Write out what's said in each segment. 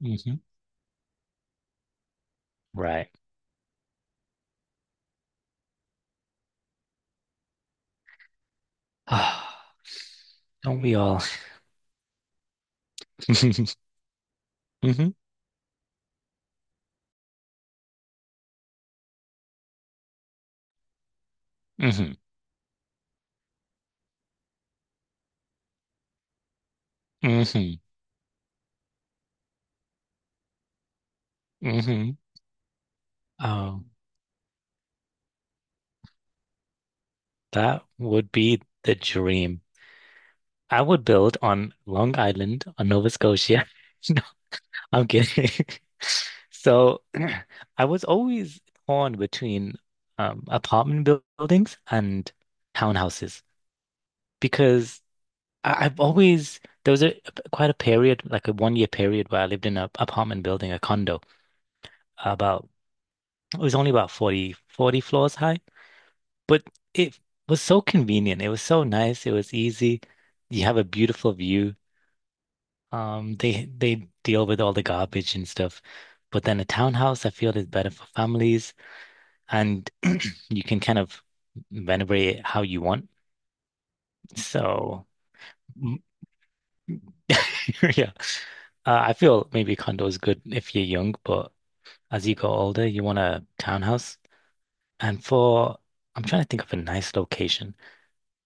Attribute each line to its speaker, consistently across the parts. Speaker 1: Hmm. Right. Don't we all? Hmm. Hmm. Hmm. Hmm. Oh, that would be the dream. I would build on Long Island, on Nova Scotia. No, I'm kidding. So, I was always torn between buildings and townhouses because I I've always there was a quite a period, like a one year period, where I lived in an apartment building, a condo, about it was only about forty floors high, but it was so convenient. It was so nice. It was easy. You have a beautiful view. They deal with all the garbage and stuff. But then a townhouse, I feel, is better for families and you can kind of renovate it how you want. So, mm, yeah, I feel maybe condo is good if you're young, but as you go older, you want a townhouse. And for, I'm trying to think of a nice location.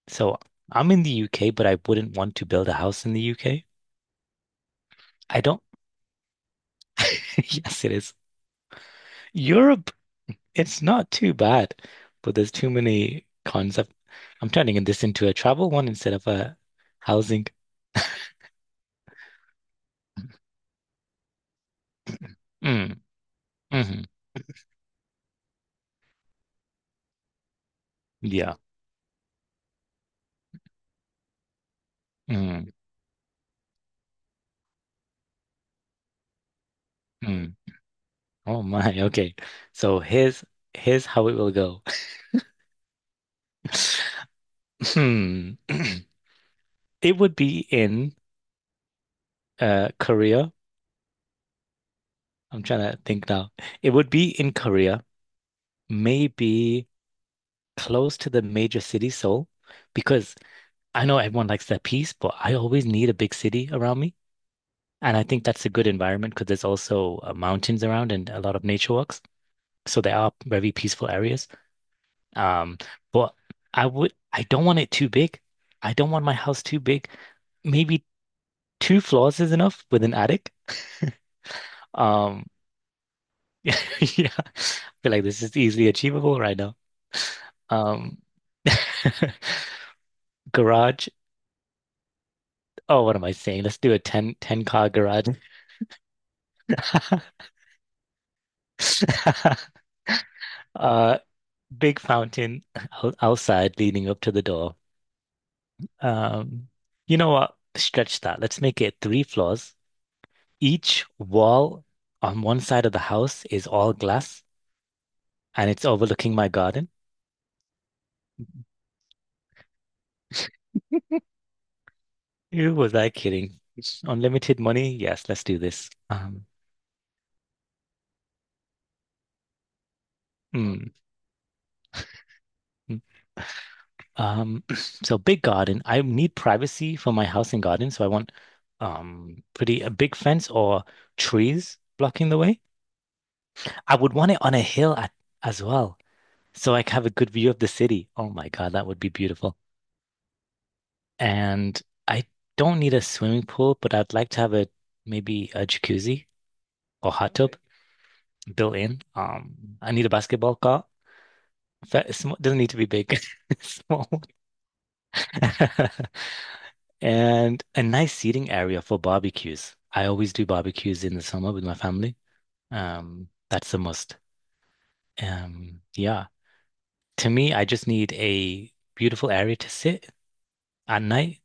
Speaker 1: So I'm in the UK, but I wouldn't want to build a house in the UK. I don't. Yes, it is. Europe, it's not too bad, but there's too many cons. I'm turning this into a travel one instead of a housing. Mm, hmm, yeah. Mm, mm. Oh my. Okay. So here's how it will go. Hmm. It would be in Korea. I'm trying to think now. It would be in Korea, maybe, close to the major city, Seoul, because I know everyone likes that peace, but I always need a big city around me. And I think that's a good environment because there's also mountains around and a lot of nature walks. So there are very peaceful areas. Um, but I don't want it too big. I don't want my house too big. Maybe two floors is enough with an attic. Um, yeah, I feel like this is easily achievable right now. Um, garage Oh, what am I saying? Let's do a ten car garage. Uh, big fountain outside leading up to the door. Um, you know what? Stretch that. Let's make it three floors. Each wall on one side of the house is all glass and it's overlooking my garden. Who was I kidding? It's unlimited money? Yes, let's do this. Mm, mm. Um, so big garden. I need privacy for my house and garden, so I want pretty a big fence or trees blocking the way. I would want it on a hill at, as well, so I can have a good view of the city. Oh my God, that would be beautiful. And I don't need a swimming pool, but I'd like to have a maybe a jacuzzi or hot tub built in. I need a basketball court. Doesn't need to be big, small. And a nice seating area for barbecues. I always do barbecues in the summer with my family. That's the must. Yeah. To me, I just need a beautiful area to sit at night,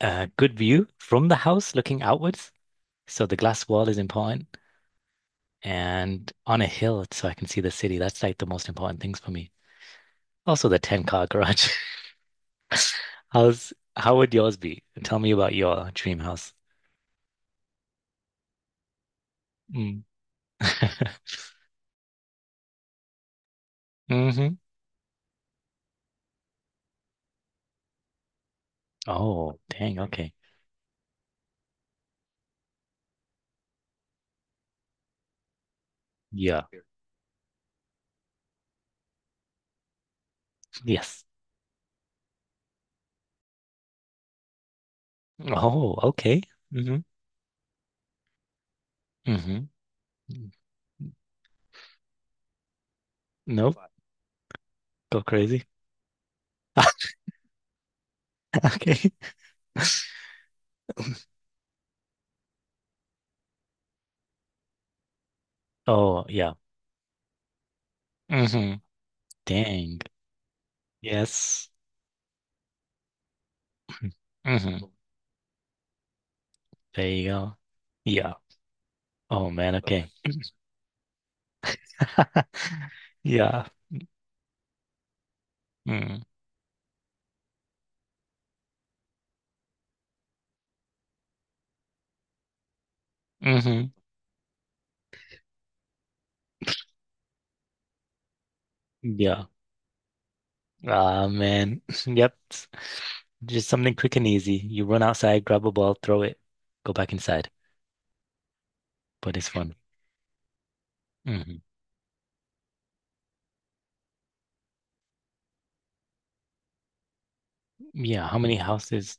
Speaker 1: a good view from the house looking outwards. So the glass wall is important, and on a hill so I can see the city. That's like the most important things for me. Also, the 10 car garage. How would yours be? Tell me about your dream house. Mm. Hmm. Oh, dang. Okay. Yeah. Yes. Oh, okay. Mm-hmm. Mm-hmm. Nope. Go crazy. Okay. Oh, yeah. Mm-hmm. Dang. Yes. Mm-hmm. There you go. Yeah. Oh man, okay. Yeah. Mm. Hmm. Yeah. Ah man. Yep. Just something quick and easy. You run outside, grab a ball, throw it, go back inside. But it's fun. Hmm. Yeah. How many houses?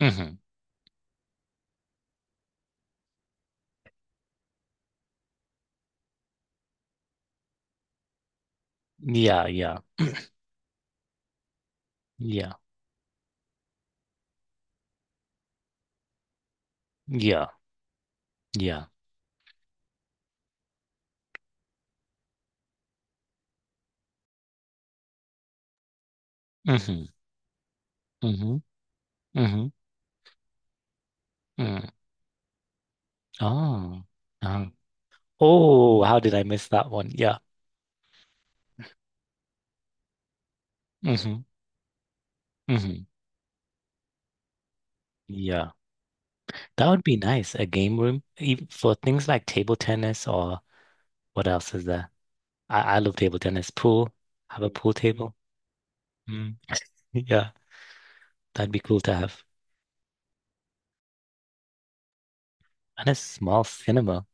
Speaker 1: Hmm. Yeah, yeah. Yeah. Yeah. Yeah. Mm-hmm. Mm-hmm. Mm-hmm. Mm. Oh. Oh. Oh, how did I miss that one? Yeah. Mm-hmm. Mm-hmm. Yeah. That would be nice. A game room even for things like table tennis or what else is there? I love table tennis. Pool. Have a pool table. Mm. Yeah. That'd be cool to have. And a small cinema.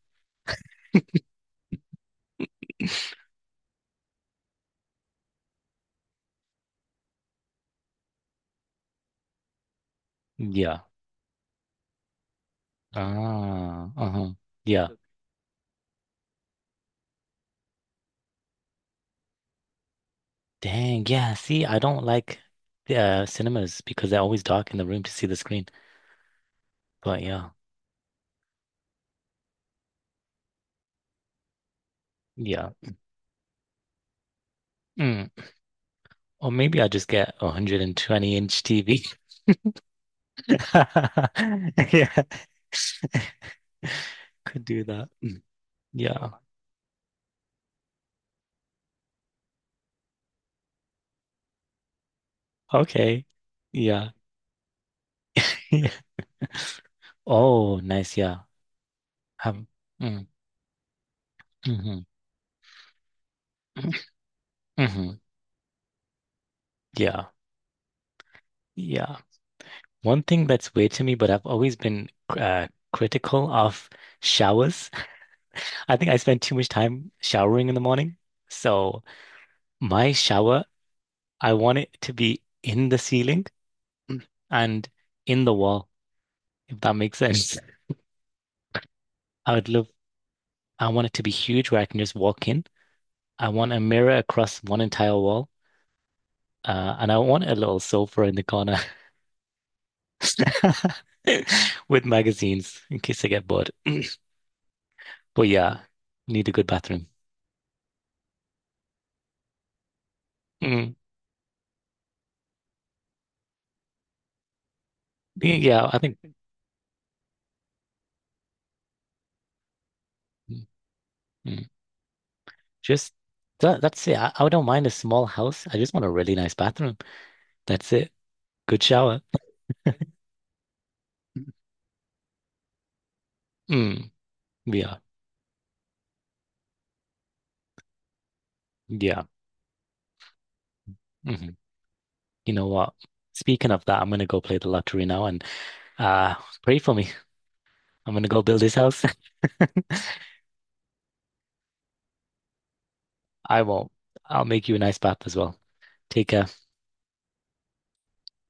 Speaker 1: Yeah. Ah. Uh-huh. Yeah. Dang, yeah. See, I don't like cinemas because they're always dark in the room to see the screen. But yeah, yeah. Mm. Or maybe I just get a 120 inch TV. Yeah. Could do that. Mm. Yeah. Okay. Yeah. Oh, nice. Yeah. Um, mm, hmm. Hmm. Yeah. Yeah. One thing that's weird to me, but I've always been critical of showers. I think I spend too much time showering in the morning. So my shower, I want it to be in the ceiling and in the wall, if that makes sense. I would love, I want it to be huge where I can just walk in. I want a mirror across one entire wall. And I want a little sofa in the corner with magazines in case I get bored. But yeah, need a good bathroom. Mm, yeah, I think mm, mm, just that's it. I don't mind a small house. I just want a really nice bathroom. That's it. Good shower. Mm. Yeah. Yeah. Hmm. You know what? Speaking of that, I'm gonna go play the lottery now and uh pray for me. I'm gonna go build this house. I won't. I'll make you a nice bath as well. Take care.